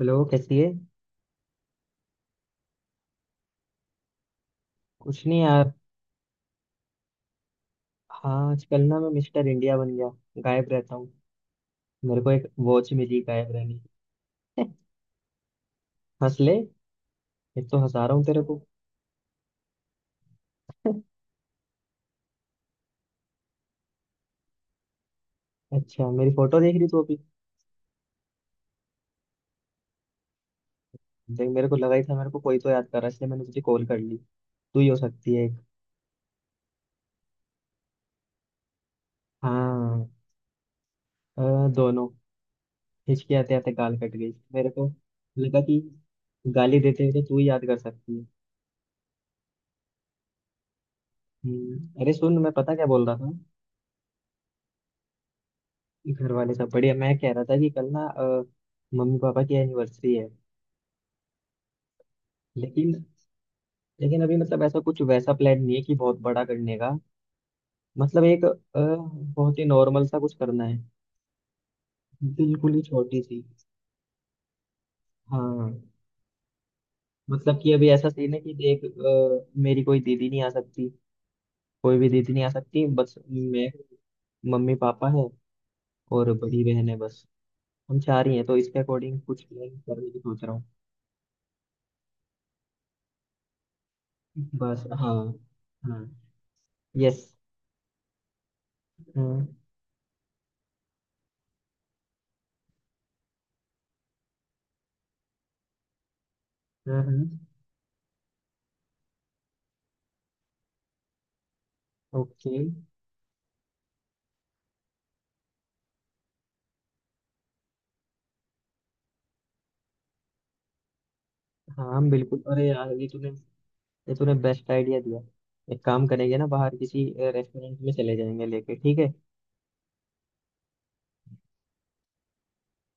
Hello, कैसी है? कुछ नहीं यार। हाँ, आजकल ना मैं मिस्टर इंडिया बन गया। गायब रहता हूँ। मेरे को एक वॉच मिली गायब रहने की। हंस ले। एक तो हंसा रहा हूँ तेरे को। अच्छा, मेरी फोटो देख रही तू अभी? देख, मेरे को लगा ही था मेरे को कोई तो याद कर रहा है, इसलिए मैंने तुझे कॉल कर ली। तू ही हो सकती है एक। हाँ। अ, दोनों। हिचकी आते आते गाल कट गई मेरे को। लगा कि गाली देते हुए तो तू ही याद कर सकती है। अरे सुन, मैं पता क्या बोल रहा था। घर वाले सब बढ़िया। मैं कह रहा था कि कल ना मम्मी पापा की एनिवर्सरी है। लेकिन लेकिन अभी मतलब ऐसा कुछ वैसा प्लान नहीं है कि बहुत बड़ा करने का। मतलब एक बहुत ही नॉर्मल सा कुछ करना है। बिल्कुल ही छोटी सी। हाँ। मतलब कि अभी ऐसा सीन है कि देख, मेरी कोई दीदी नहीं आ सकती। कोई भी दीदी नहीं आ सकती, बस मैं। मम्मी पापा है। और बड़ी बहन है बस। हम चार ही हैं, तो इसके अकॉर्डिंग कुछ प्लान करने की सोच रहा हूँ। बस हाँ। हाँ। यस। हम्म, हम्म। ओके। हाँ बिल्कुल, अरे यार, ये तूने बेस्ट आइडिया दिया। एक काम करेंगे ना, बाहर किसी रेस्टोरेंट में चले जाएंगे लेके, ठीक है।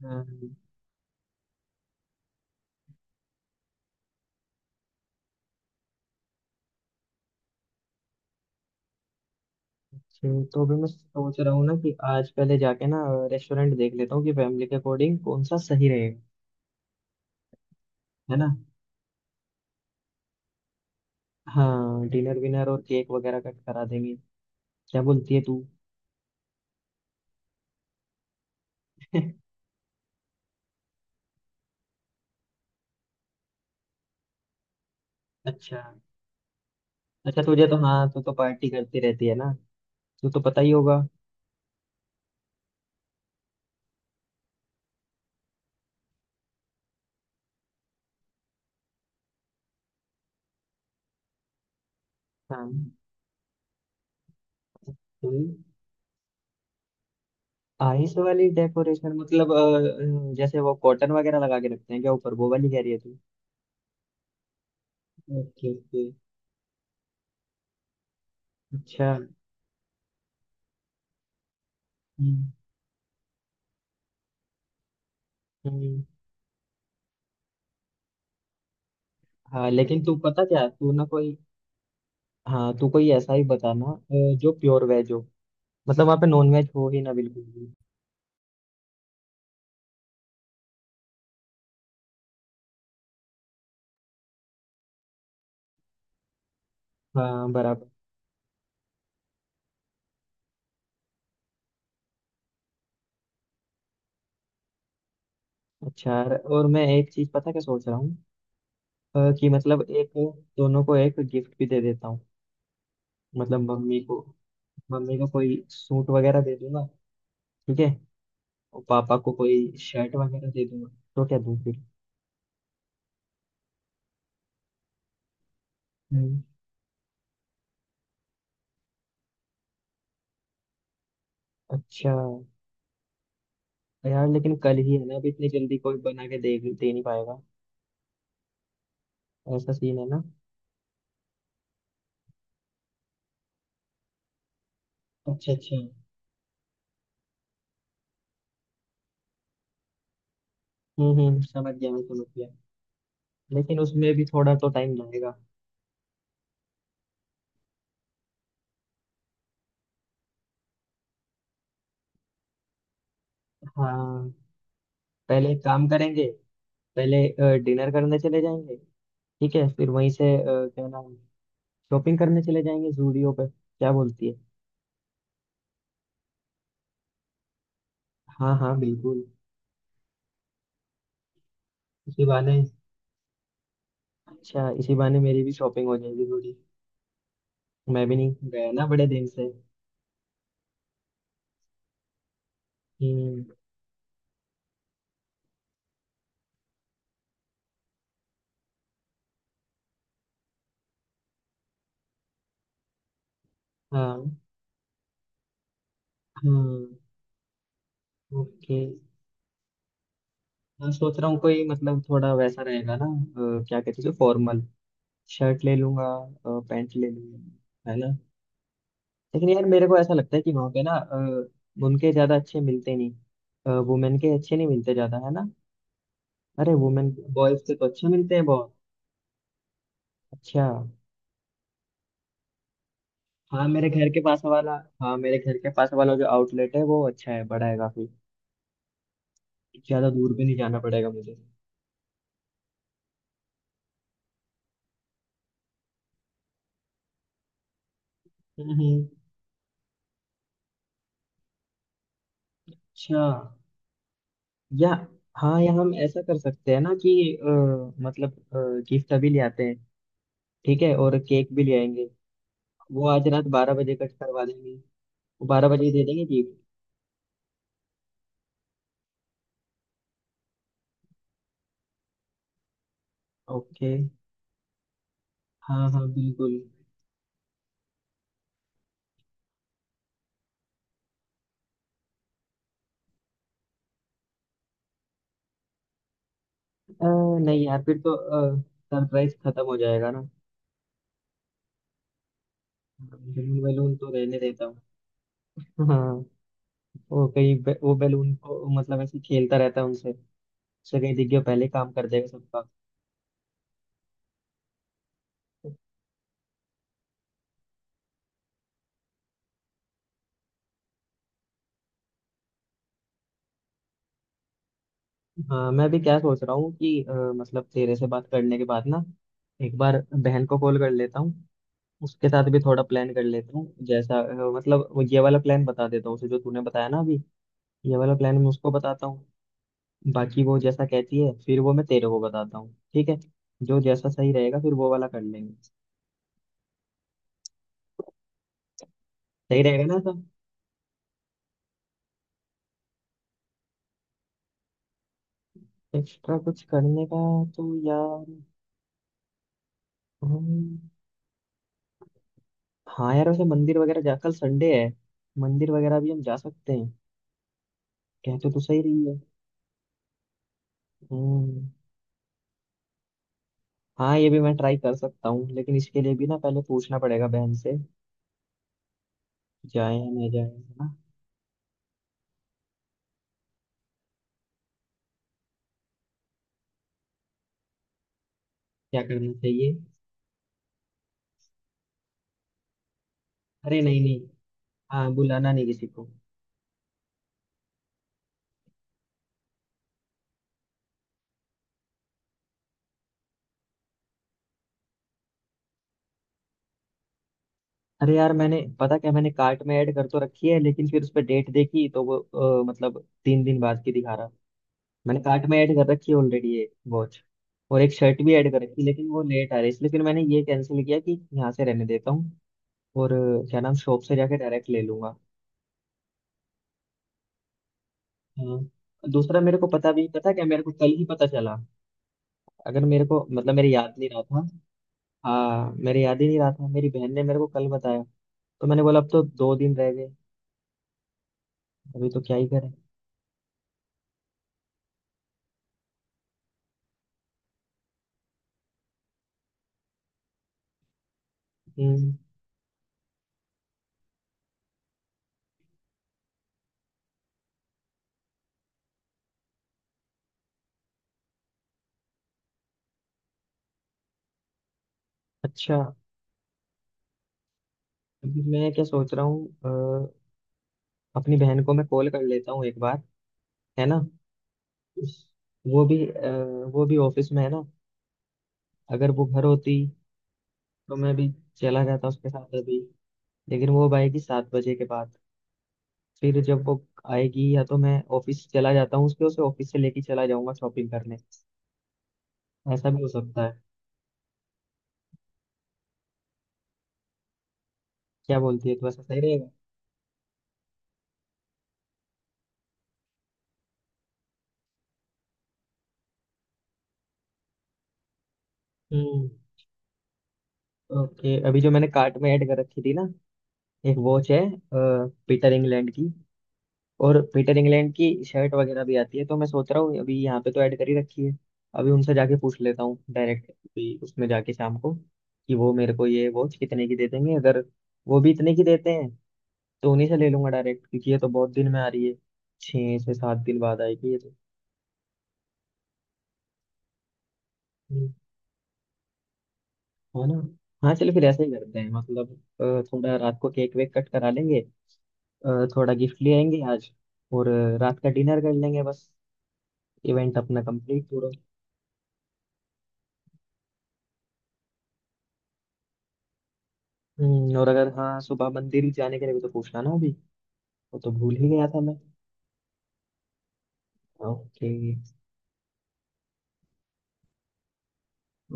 अम, अच्छा, तो भी मैं सोच रहा हूँ ना कि आज पहले जाके ना रेस्टोरेंट देख लेता हूँ कि फैमिली के अकॉर्डिंग कौन सा सही रहेगा। है ना। हाँ, डिनर विनर और केक वगैरह कट करा देंगे। क्या बोलती है तू? अच्छा अच्छा, तुझे तो हाँ, तू तो पार्टी करती रहती है ना। तू तो पता ही होगा। हाँ। हम्म। आइस वाली डेकोरेशन मतलब, जैसे वो कॉटन वगैरह लगा के रखते हैं क्या ऊपर, वो वाली कह रही है तू? Okay okay. अच्छा। हम्म, हम्म, हाँ, लेकिन तू पता क्या, तू ना कोई। हाँ, तू कोई ऐसा ही बताना जो प्योर वेज हो। मतलब वहाँ पे नॉन वेज हो ही ना बिल्कुल भी। हाँ बराबर। अच्छा, और मैं एक चीज पता क्या सोच रहा हूँ, कि मतलब एक, दोनों को एक गिफ्ट भी दे देता हूँ। मतलब मम्मी को। मम्मी को कोई सूट वगैरह दे दूंगा। ठीक है। और पापा को कोई शर्ट वगैरह दे दूंगा। तो क्या दूं फिर? हम्म, अच्छा। यार, लेकिन कल ही है ना, अभी इतनी जल्दी कोई बना के दे दे नहीं पाएगा। ऐसा सीन है ना। अच्छा अच्छा। हम्म, समझ गया, मैं समझ गया। लेकिन उसमें भी थोड़ा तो टाइम लगेगा। हाँ। पहले एक काम करेंगे। पहले डिनर करने चले जाएंगे। ठीक है, फिर वहीं से क्या नाम, शॉपिंग करने चले जाएंगे जूडियो पे, क्या बोलती है? हाँ हाँ बिल्कुल। इसी बहाने। अच्छा, इसी बहाने मेरी भी शॉपिंग हो जाएगी थोड़ी। मैं भी नहीं गया ना बड़े दिन से। हम्म। हाँ हाँ। ओके। मैं सोच रहा हूँ कोई मतलब थोड़ा वैसा रहेगा ना, क्या कहते हैं, फॉर्मल शर्ट ले लूंगा। पैंट ले लूंगा है ना। लेकिन यार मेरे को ऐसा लगता है कि वहाँ पे ना उनके ज्यादा अच्छे मिलते नहीं। वुमेन के अच्छे नहीं मिलते ज्यादा, है ना। अरे वुमेन। बॉयज के तो अच्छे मिलते हैं बहुत। अच्छा। हाँ, मेरे घर के पास वाला। हाँ, मेरे घर के पास वाला जो आउटलेट है वो अच्छा है, बड़ा है काफी। ज्यादा दूर भी नहीं जाना पड़ेगा मुझे। हम्म, अच्छा। या, हाँ, या हम ऐसा कर सकते हैं ना कि, मतलब गिफ्ट अभी ले आते हैं। ठीक है, और केक भी ले आएंगे। वो आज रात 12 बजे कट करवा देंगे। वो 12 बजे ही दे देंगे जी। ओके। हाँ हाँ बिल्कुल। अ, नहीं यार, फिर तो सरप्राइज खत्म हो जाएगा ना। बैलून बैलून तो रहने देता हूँ। हाँ। वो बैलून को मतलब ऐसे खेलता रहता है उनसे। उससे कहीं दिख गया, पहले काम कर देगा सबका। हाँ, मैं भी क्या सोच रहा हूँ कि मतलब तेरे से बात करने के बाद ना, एक बार बहन को कॉल कर लेता हूँ। उसके साथ भी थोड़ा प्लान कर लेता हूँ जैसा, मतलब वो ये वाला प्लान बता देता हूँ उसे जो तूने बताया ना अभी। ये वाला प्लान मैं उसको बताता हूँ। बाकी वो जैसा कहती है फिर वो मैं तेरे को बताता हूँ, ठीक है। जो जैसा सही रहेगा फिर वो वाला कर लेंगे। सही रहेगा ना सब। एक्स्ट्रा कुछ करने का। तो यार हम- हाँ यार, वैसे मंदिर वगैरह जा, कल संडे है। मंदिर वगैरह भी हम जा सकते हैं। कहते तो सही रही है। हम्म। हाँ, ये भी मैं ट्राई कर सकता हूँ, लेकिन इसके लिए भी ना पहले पूछना पड़ेगा बहन से। जाए या नहीं जाए, है ना। क्या करना चाहिए? अरे नहीं नहीं। हाँ, बुलाना नहीं किसी को। अरे यार, मैंने पता क्या, मैंने कार्ट में ऐड कर तो रखी है लेकिन फिर उस पर डेट देखी तो वो मतलब 3 दिन बाद की दिखा रहा। मैंने कार्ट में ऐड कर रखी है ऑलरेडी ये वॉच। और एक शर्ट भी ऐड कर रखी, लेकिन वो लेट आ रही है इसलिए फिर मैंने ये कैंसिल किया कि यहाँ से रहने देता हूँ। और क्या नाम, शॉप से जाके डायरेक्ट ले लूंगा। हाँ। दूसरा मेरे को पता क्या मेरे को कल ही पता चला। अगर मेरे को, मतलब मेरे याद नहीं रहा था। हाँ, मेरे याद ही नहीं रहा था, मेरी बहन ने मेरे को कल बताया। तो मैंने बोला अब तो 2 दिन रह गए। अभी तो क्या ही करें। हम्म। अच्छा। अभी मैं क्या सोच रहा हूँ, अपनी बहन को मैं कॉल कर लेता हूँ एक बार। है ना। वो भी, वो भी ऑफिस में है ना। अगर वो घर होती तो मैं भी चला जाता उसके साथ अभी। लेकिन वो अब आएगी 7 बजे के बाद। फिर जब वो आएगी, या तो मैं ऑफिस चला जाता हूँ उसके, उसे ऑफिस से लेके चला जाऊंगा शॉपिंग करने। ऐसा भी हो सकता है। क्या बोलती है, तो ऐसा सही रहेगा? हम्म। ओके, अभी जो मैंने कार्ट में ऐड कर रखी थी ना, एक वॉच है, पीटर इंग्लैंड की। और पीटर इंग्लैंड की शर्ट वगैरह भी आती है, तो मैं सोच रहा हूँ अभी यहाँ पे तो ऐड कर ही रखी है। अभी उनसे जाके पूछ लेता हूँ डायरेक्ट, अभी उसमें जाके शाम को, कि वो मेरे को ये वॉच कितने की दे देंगे, अगर वो भी इतने की देते हैं तो उन्हीं से ले लूंगा डायरेक्ट, क्योंकि ये तो बहुत दिन में आ रही है। 6 से 7 दिन बाद आएगी ये तो। हम्म, है ना। हाँ चलो फिर ऐसे ही करते हैं मतलब, थोड़ा रात को केक वेक कट करा लेंगे, अ, थोड़ा गिफ्ट ले आएंगे आज, और रात का डिनर कर लेंगे बस। इवेंट अपना कंप्लीट पूरा। और अगर हाँ, सुबह मंदिर जाने के लिए भी तो पूछना ना अभी। वो तो भूल ही गया था मैं। Okay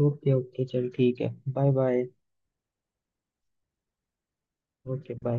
okay. ओके चल, ठीक है, बाय बाय। Okay bye.